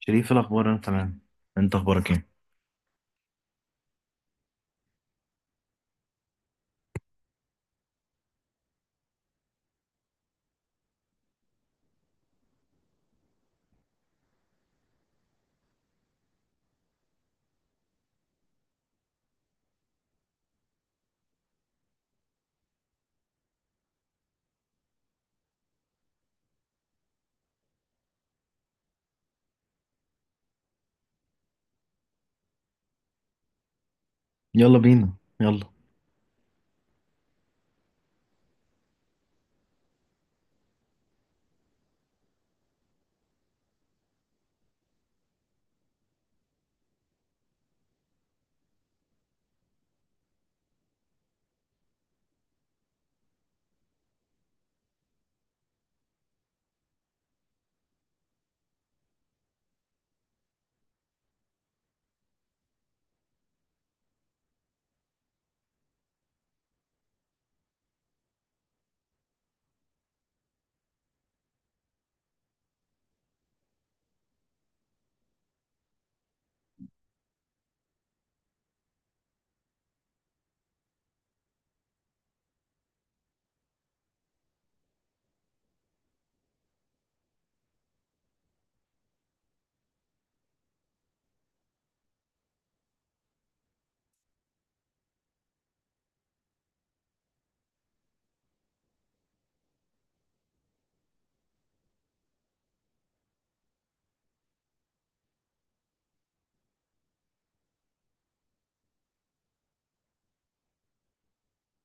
شريف، إيه الأخبار؟ أنا تمام. أنت أخبارك إيه؟ يلا بينا يلا.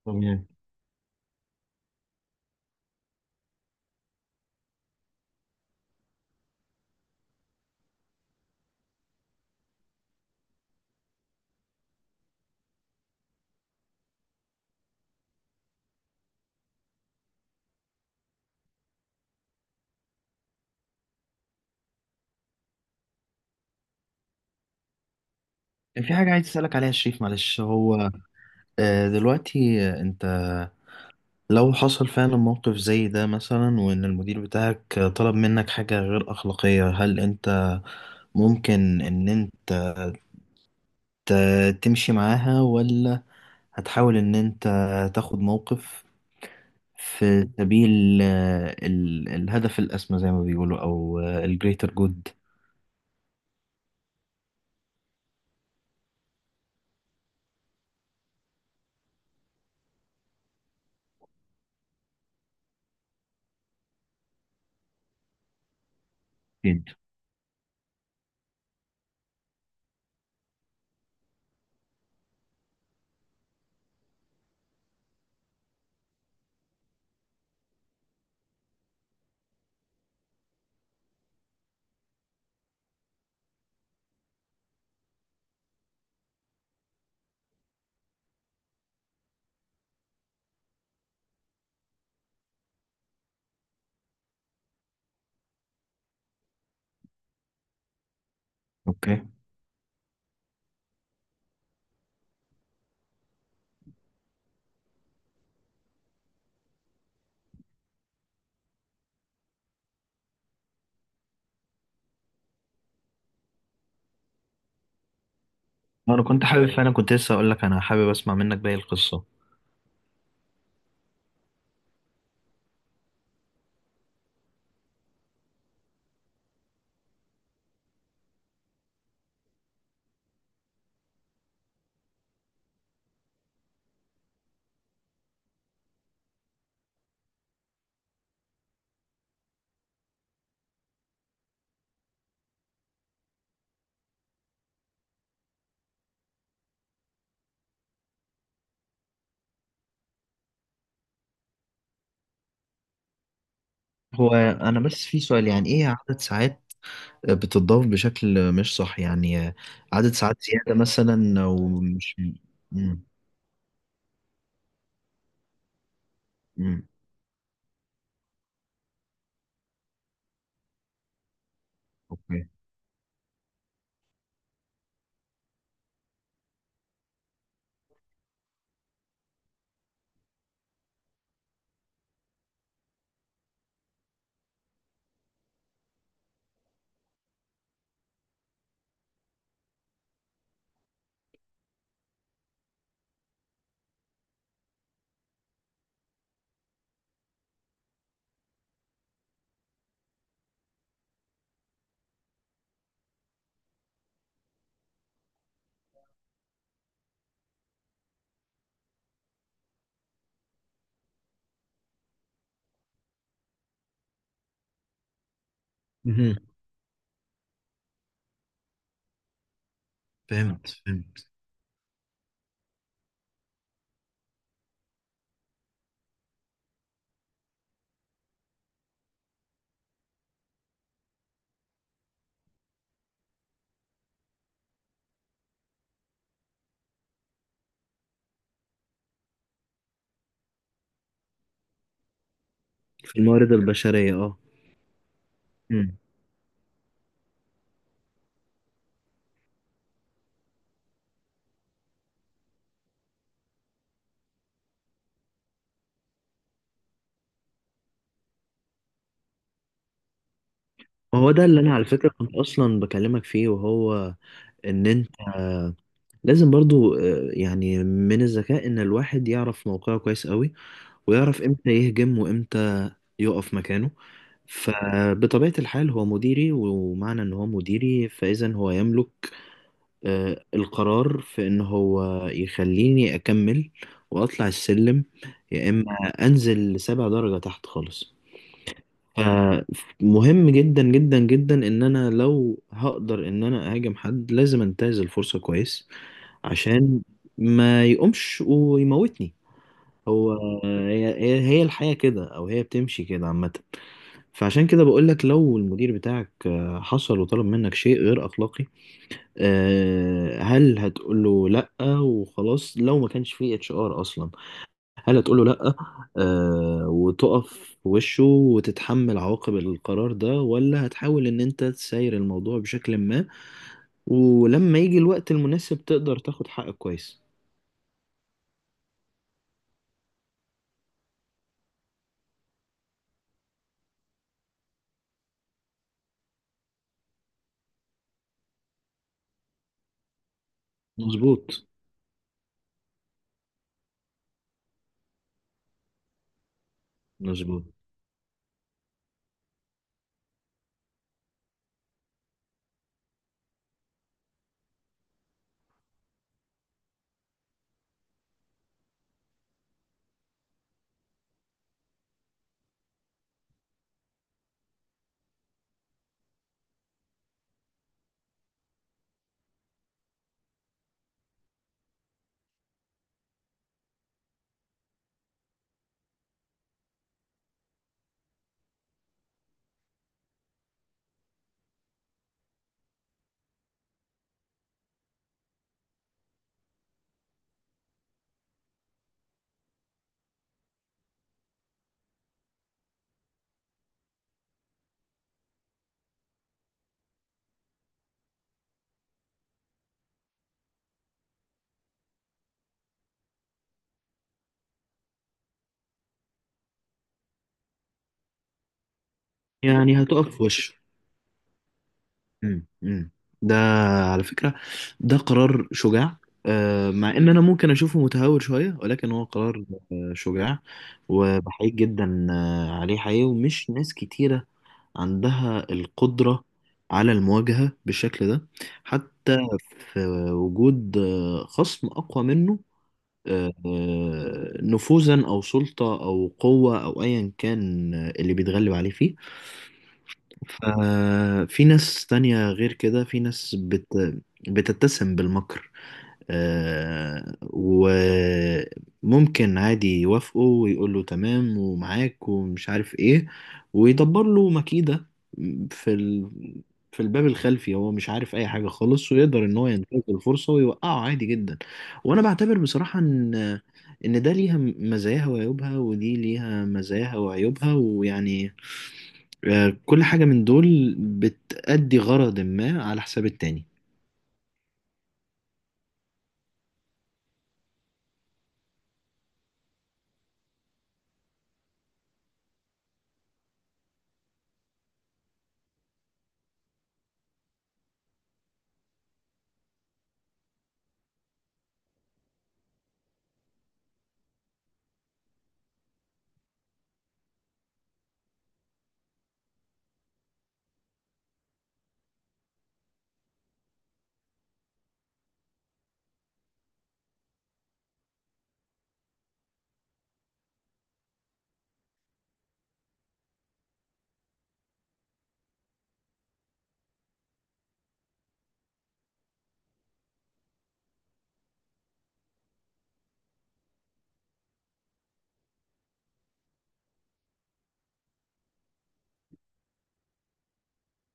طبيعي. في حاجة عايز أسألك عليها يا شريف، معلش. هو دلوقتي، أنت لو حصل فعلا موقف زي ده مثلا وإن المدير بتاعك طلب منك حاجة غير أخلاقية، هل أنت ممكن إن أنت تمشي معاها، ولا هتحاول إن أنت تاخد موقف في سبيل الهدف الأسمى زي ما بيقولوا، أو الجريتر جود؟ أوكي. انا كنت حابب فعلا، كنت لسه اقول لك انا حابب اسمع منك باقي القصه. هو انا بس في سؤال، يعني ايه عدد ساعات بتضاف بشكل مش صح يعني؟ عدد ساعات زياده مثلا او مش؟ امم. امم. اوكي. مهم. فهمت فهمت. في الموارد البشرية، اه. امم. وهو ده اللي انا على فكرة كنت اصلا بكلمك فيه. وهو ان انت لازم برضو، يعني، من الذكاء ان الواحد يعرف موقعه كويس قوي، ويعرف امتى يهجم وامتى يقف مكانه. فبطبيعة الحال هو مديري، ومعنى ان هو مديري فاذا هو يملك القرار في ان هو يخليني اكمل واطلع السلم، يا اما انزل سبع درجة تحت خالص. فمهم جدا جدا جدا ان انا لو هقدر ان انا اهاجم حد لازم انتهز الفرصة كويس، عشان ما يقومش ويموتني. هو هي الحياة كده، أو هي بتمشي كده عامة. فعشان كده بقولك، لو المدير بتاعك حصل وطلب منك شيء غير أخلاقي، هل هتقوله لأ وخلاص؟ لو ما كانش فيه HR أصلا، هل هتقوله لأ وتقف في وشه وتتحمل عواقب القرار ده؟ ولا هتحاول إن أنت تساير الموضوع بشكل ما، ولما يجي الوقت المناسب تقدر تاخد حقك كويس؟ مظبوط. مظبوط. يعني هتقف في وشه؟ مم. مم. ده، على فكرة، ده قرار شجاع، مع ان انا ممكن اشوفه متهور شوية، ولكن هو قرار شجاع. وبحييك جدا عليه حقيقي. ومش ناس كتيرة عندها القدرة على المواجهة بالشكل ده، حتى في وجود خصم اقوى منه، نفوذا او سلطة او قوة او ايا كان، اللي بيتغلب عليه فيه. ففي ناس تانية غير كده، في ناس بتتسم بالمكر، آه وممكن عادي يوافقه ويقول له تمام ومعاك ومش عارف ايه، ويدبر له مكيدة في ال... في الباب الخلفي، هو مش عارف اي حاجة خالص، ويقدر ان هو ينتهز الفرصة ويوقعه عادي جدا. وانا بعتبر بصراحة ان ده ليها مزاياها وعيوبها، ودي ليها مزاياها وعيوبها، ويعني كل حاجة من دول بتأدي غرض ما على حساب التاني.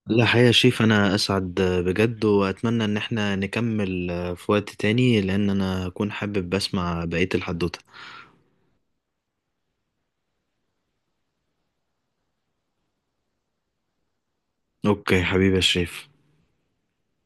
لا حقيقة يا شيف، أنا أسعد بجد. وأتمنى إن احنا نكمل في وقت تاني، لأن أنا أكون حابب أسمع بقية الحدوتة. أوكي حبيبي يا شريف.